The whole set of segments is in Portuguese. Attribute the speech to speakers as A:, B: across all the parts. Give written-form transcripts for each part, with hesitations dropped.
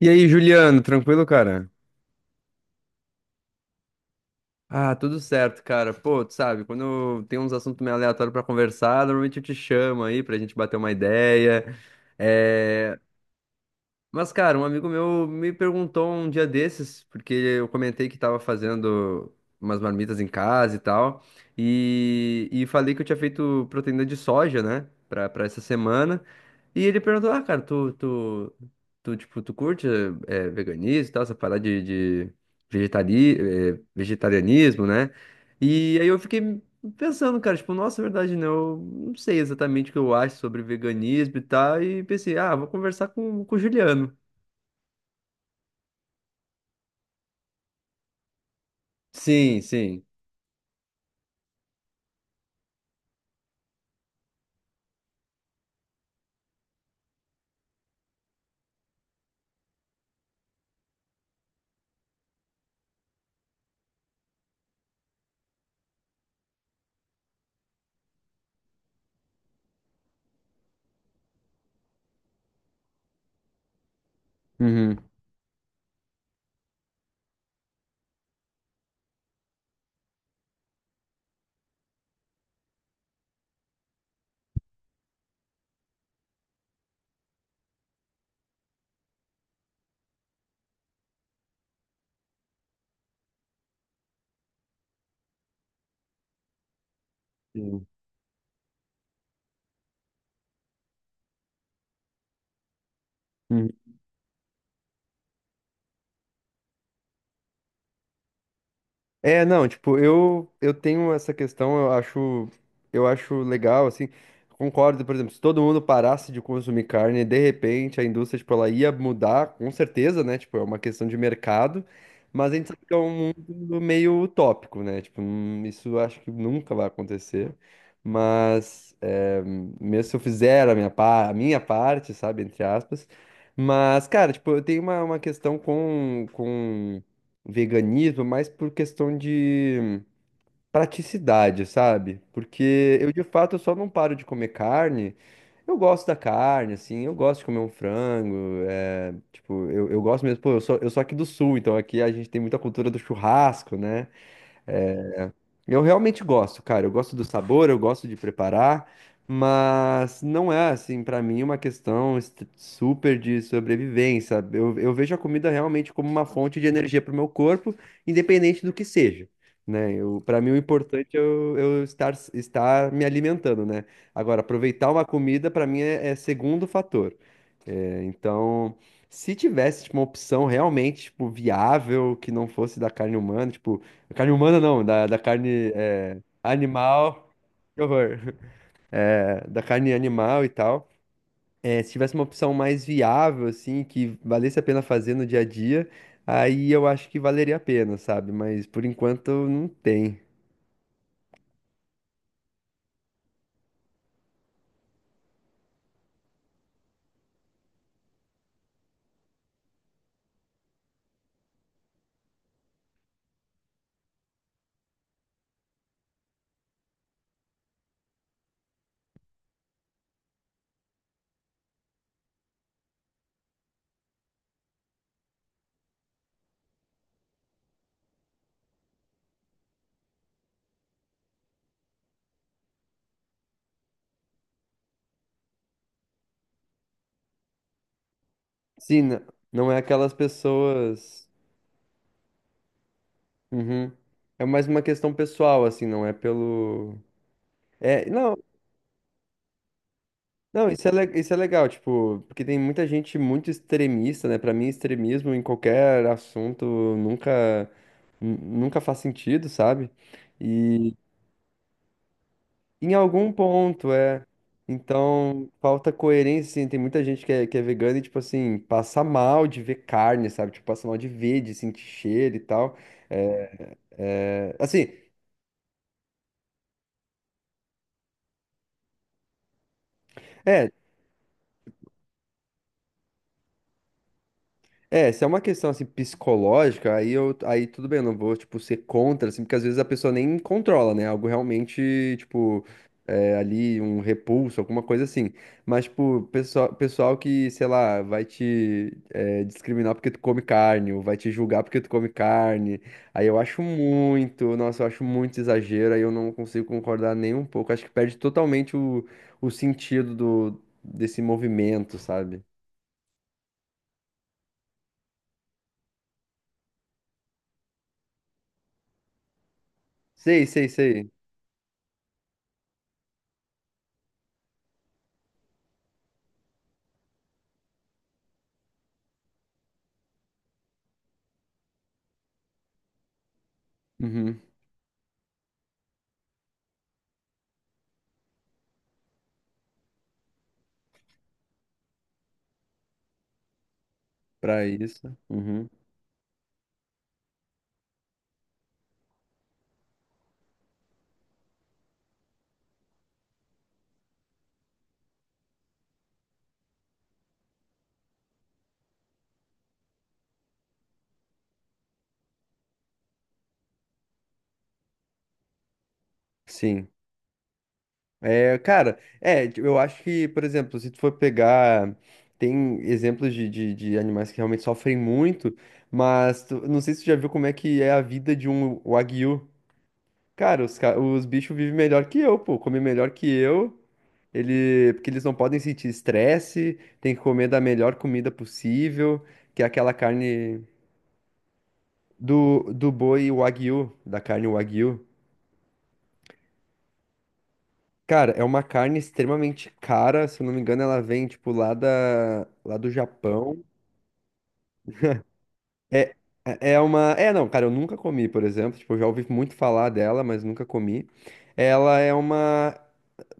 A: E aí, Juliano, tranquilo, cara? Ah, tudo certo, cara. Pô, tu sabe, quando tem uns assuntos meio aleatórios pra conversar, normalmente eu te chamo aí pra gente bater uma ideia. É. Mas, cara, um amigo meu me perguntou um dia desses, porque eu comentei que tava fazendo umas marmitas em casa e tal, e falei que eu tinha feito proteína de soja, né, pra essa semana, e ele perguntou, ah, cara, tu, tipo, tu curte veganismo e tal, essa parada de, de vegetari, vegetarianismo, né, e aí eu fiquei pensando, cara, tipo, nossa, é verdade, né? Eu não sei exatamente o que eu acho sobre veganismo e tal, e pensei, ah, vou conversar com o Juliano. Sim, sim. Uhum. Sim. Uhum. É, não, tipo, eu tenho essa questão, eu acho legal assim. Concordo, por exemplo, se todo mundo parasse de consumir carne, de repente a indústria, tipo, ela ia mudar, com certeza, né? Tipo, é uma questão de mercado, mas a gente sabe que é um mundo meio utópico, né? Tipo, isso eu acho que nunca vai acontecer. Mas é, mesmo se eu fizer a minha, a minha parte, sabe, entre aspas, mas cara, tipo, eu tenho uma questão com veganismo, mas por questão de praticidade, sabe? Porque eu de fato eu só não paro de comer carne. Eu gosto da carne, assim, eu gosto de comer um frango, é, tipo, eu gosto mesmo, pô, eu sou aqui do sul, então aqui a gente tem muita cultura do churrasco, né? Eu realmente gosto, cara. Eu gosto do sabor, eu gosto de preparar, mas não é assim pra mim uma questão super de sobrevivência. Eu vejo a comida realmente como uma fonte de energia para o meu corpo, independente do que seja, né? Eu, para mim o importante é eu estar me alimentando, né? Agora aproveitar uma comida pra mim é é segundo fator. É, então, se tivesse, tipo, uma opção realmente, tipo, viável, que não fosse da carne humana, tipo, da carne humana não, da carne é, animal, que horror, da carne animal e tal, é, se tivesse uma opção mais viável, assim, que valesse a pena fazer no dia a dia, aí eu acho que valeria a pena, sabe? Mas, por enquanto, não tem. Sim, não é aquelas pessoas... Uhum. É mais uma questão pessoal, assim, não é pelo... É, não, não, isso é, isso é legal, tipo, porque tem muita gente muito extremista, né? Pra mim, extremismo em qualquer assunto nunca, nunca faz sentido, sabe? E em algum ponto é. Então, falta coerência, assim, tem muita gente que é vegana e, tipo assim, passa mal de ver carne, sabe? Tipo, passa mal de ver, de sentir cheiro e tal. É, é, assim, é, é, se é uma questão assim psicológica, aí eu, aí tudo bem, eu não vou tipo ser contra, assim, porque às vezes a pessoa nem controla, né? Algo realmente tipo é, ali um repulso, alguma coisa assim. Mas tipo pessoal, pessoal que sei lá vai te é, discriminar porque tu come carne, ou vai te julgar porque tu come carne, aí eu acho muito, nossa, eu acho muito exagero, aí eu não consigo concordar nem um pouco. Acho que perde totalmente o sentido do desse movimento, sabe? Sei, sei, sei. Uhum. Pra isso. Uhum. Sim. É, cara, é, tipo, eu acho que, por exemplo, se tu for pegar, tem exemplos de animais que realmente sofrem muito, mas não sei se tu já viu como é que é a vida de um Wagyu. Cara, os, os bichos vivem melhor que eu, pô, comem melhor que eu, ele, porque eles não podem sentir estresse, tem que comer da melhor comida possível, que é aquela carne do, do boi Wagyu, da carne Wagyu. Cara, é uma carne extremamente cara, se eu não me engano, ela vem, tipo, lá da, lá do Japão. É, é é uma. É, não, cara, eu nunca comi, por exemplo. Tipo, eu já ouvi muito falar dela, mas nunca comi. Ela é uma.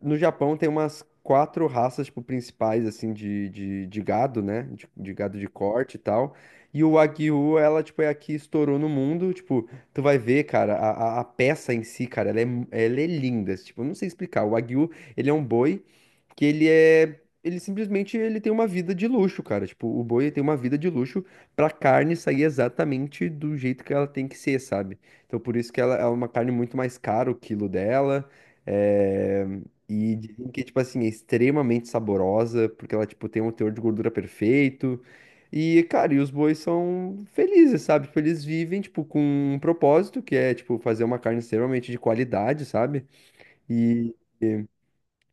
A: No Japão tem umas quatro raças, tipo, principais, assim, de gado, né? De gado de corte e tal. E o Wagyu, ela, tipo, é a que estourou no mundo. Tipo, tu vai ver, cara, a peça em si, cara, ela é, ela é linda. Tipo, eu não sei explicar. O Wagyu, ele é um boi que ele é... Ele simplesmente ele tem uma vida de luxo, cara. Tipo, o boi tem uma vida de luxo pra carne sair exatamente do jeito que ela tem que ser, sabe? Então, por isso que ela é uma carne muito mais cara, o quilo dela. É, e dizem que, tipo assim, é extremamente saborosa, porque ela, tipo, tem um teor de gordura perfeito. E, cara, e os bois são felizes, sabe? Tipo, eles vivem, tipo, com um propósito, que é, tipo, fazer uma carne extremamente de qualidade, sabe? E,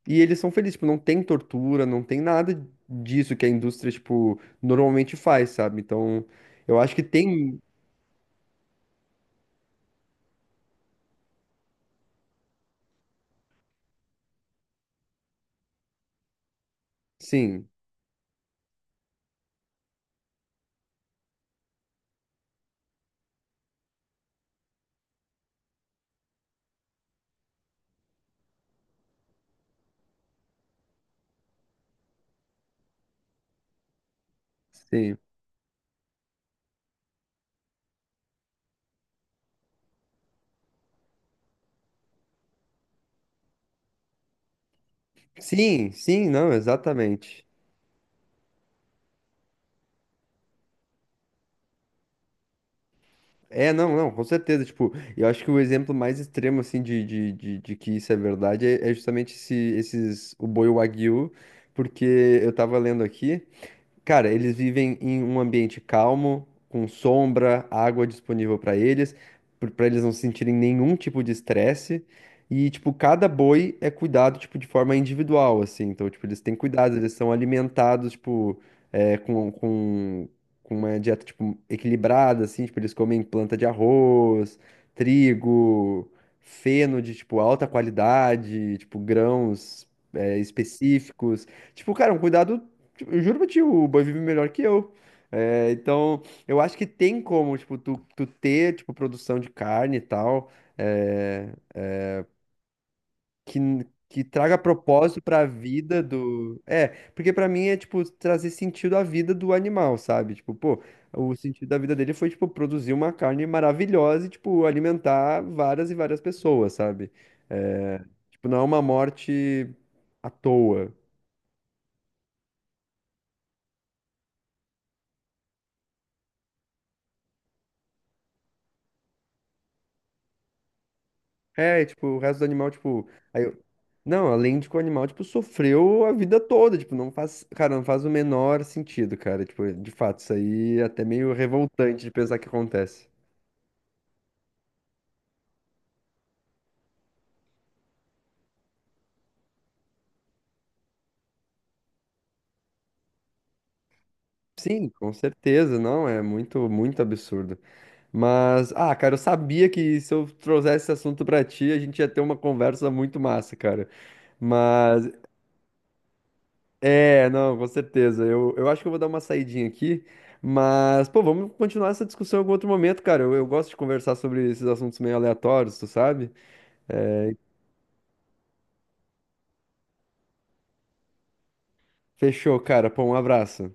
A: e eles são felizes, tipo, não tem tortura, não tem nada disso que a indústria, tipo, normalmente faz, sabe? Então, eu acho que tem... Sim, sim. Sim, sim, não, exatamente. É, não, não, com certeza. Tipo, eu acho que o exemplo mais extremo, assim, de que isso é verdade é, é justamente esse, esses, o boi Wagyu, porque eu tava lendo aqui. Cara, eles vivem em um ambiente calmo, com sombra, água disponível para eles não sentirem nenhum tipo de estresse. E, tipo, cada boi é cuidado, tipo, de forma individual, assim. Então, tipo, eles têm cuidados eles são alimentados, tipo, é, com uma dieta, tipo, equilibrada, assim. Tipo, eles comem planta de arroz, trigo, feno de, tipo, alta qualidade, tipo, grãos, é, específicos. Tipo, cara, um cuidado. Tipo, eu juro pra ti, o boi vive melhor que eu. É, então, eu acho que tem como, tipo, tu ter, tipo, produção de carne e tal, é, que, que traga propósito pra vida do... É, porque pra mim é, tipo, trazer sentido à vida do animal, sabe? Tipo, pô, o sentido da vida dele foi, tipo, produzir uma carne maravilhosa e, tipo, alimentar várias e várias pessoas, sabe? É, tipo, não é uma morte à toa. É, e, tipo, o resto do animal, tipo. Aí eu... Não, além de que o animal, tipo, sofreu a vida toda. Tipo, não faz. Cara, não faz o menor sentido, cara. Tipo, de fato, isso aí é até meio revoltante de pensar que acontece. Sim, com certeza, não, é muito, muito absurdo. Mas, ah, cara, eu sabia que se eu trouxesse esse assunto pra ti, a gente ia ter uma conversa muito massa, cara. Mas é, não, com certeza. Eu acho que eu vou dar uma saidinha aqui, mas, pô, vamos continuar essa discussão em algum outro momento, cara. Eu gosto de conversar sobre esses assuntos meio aleatórios, tu sabe? É, fechou, cara. Pô, um abraço.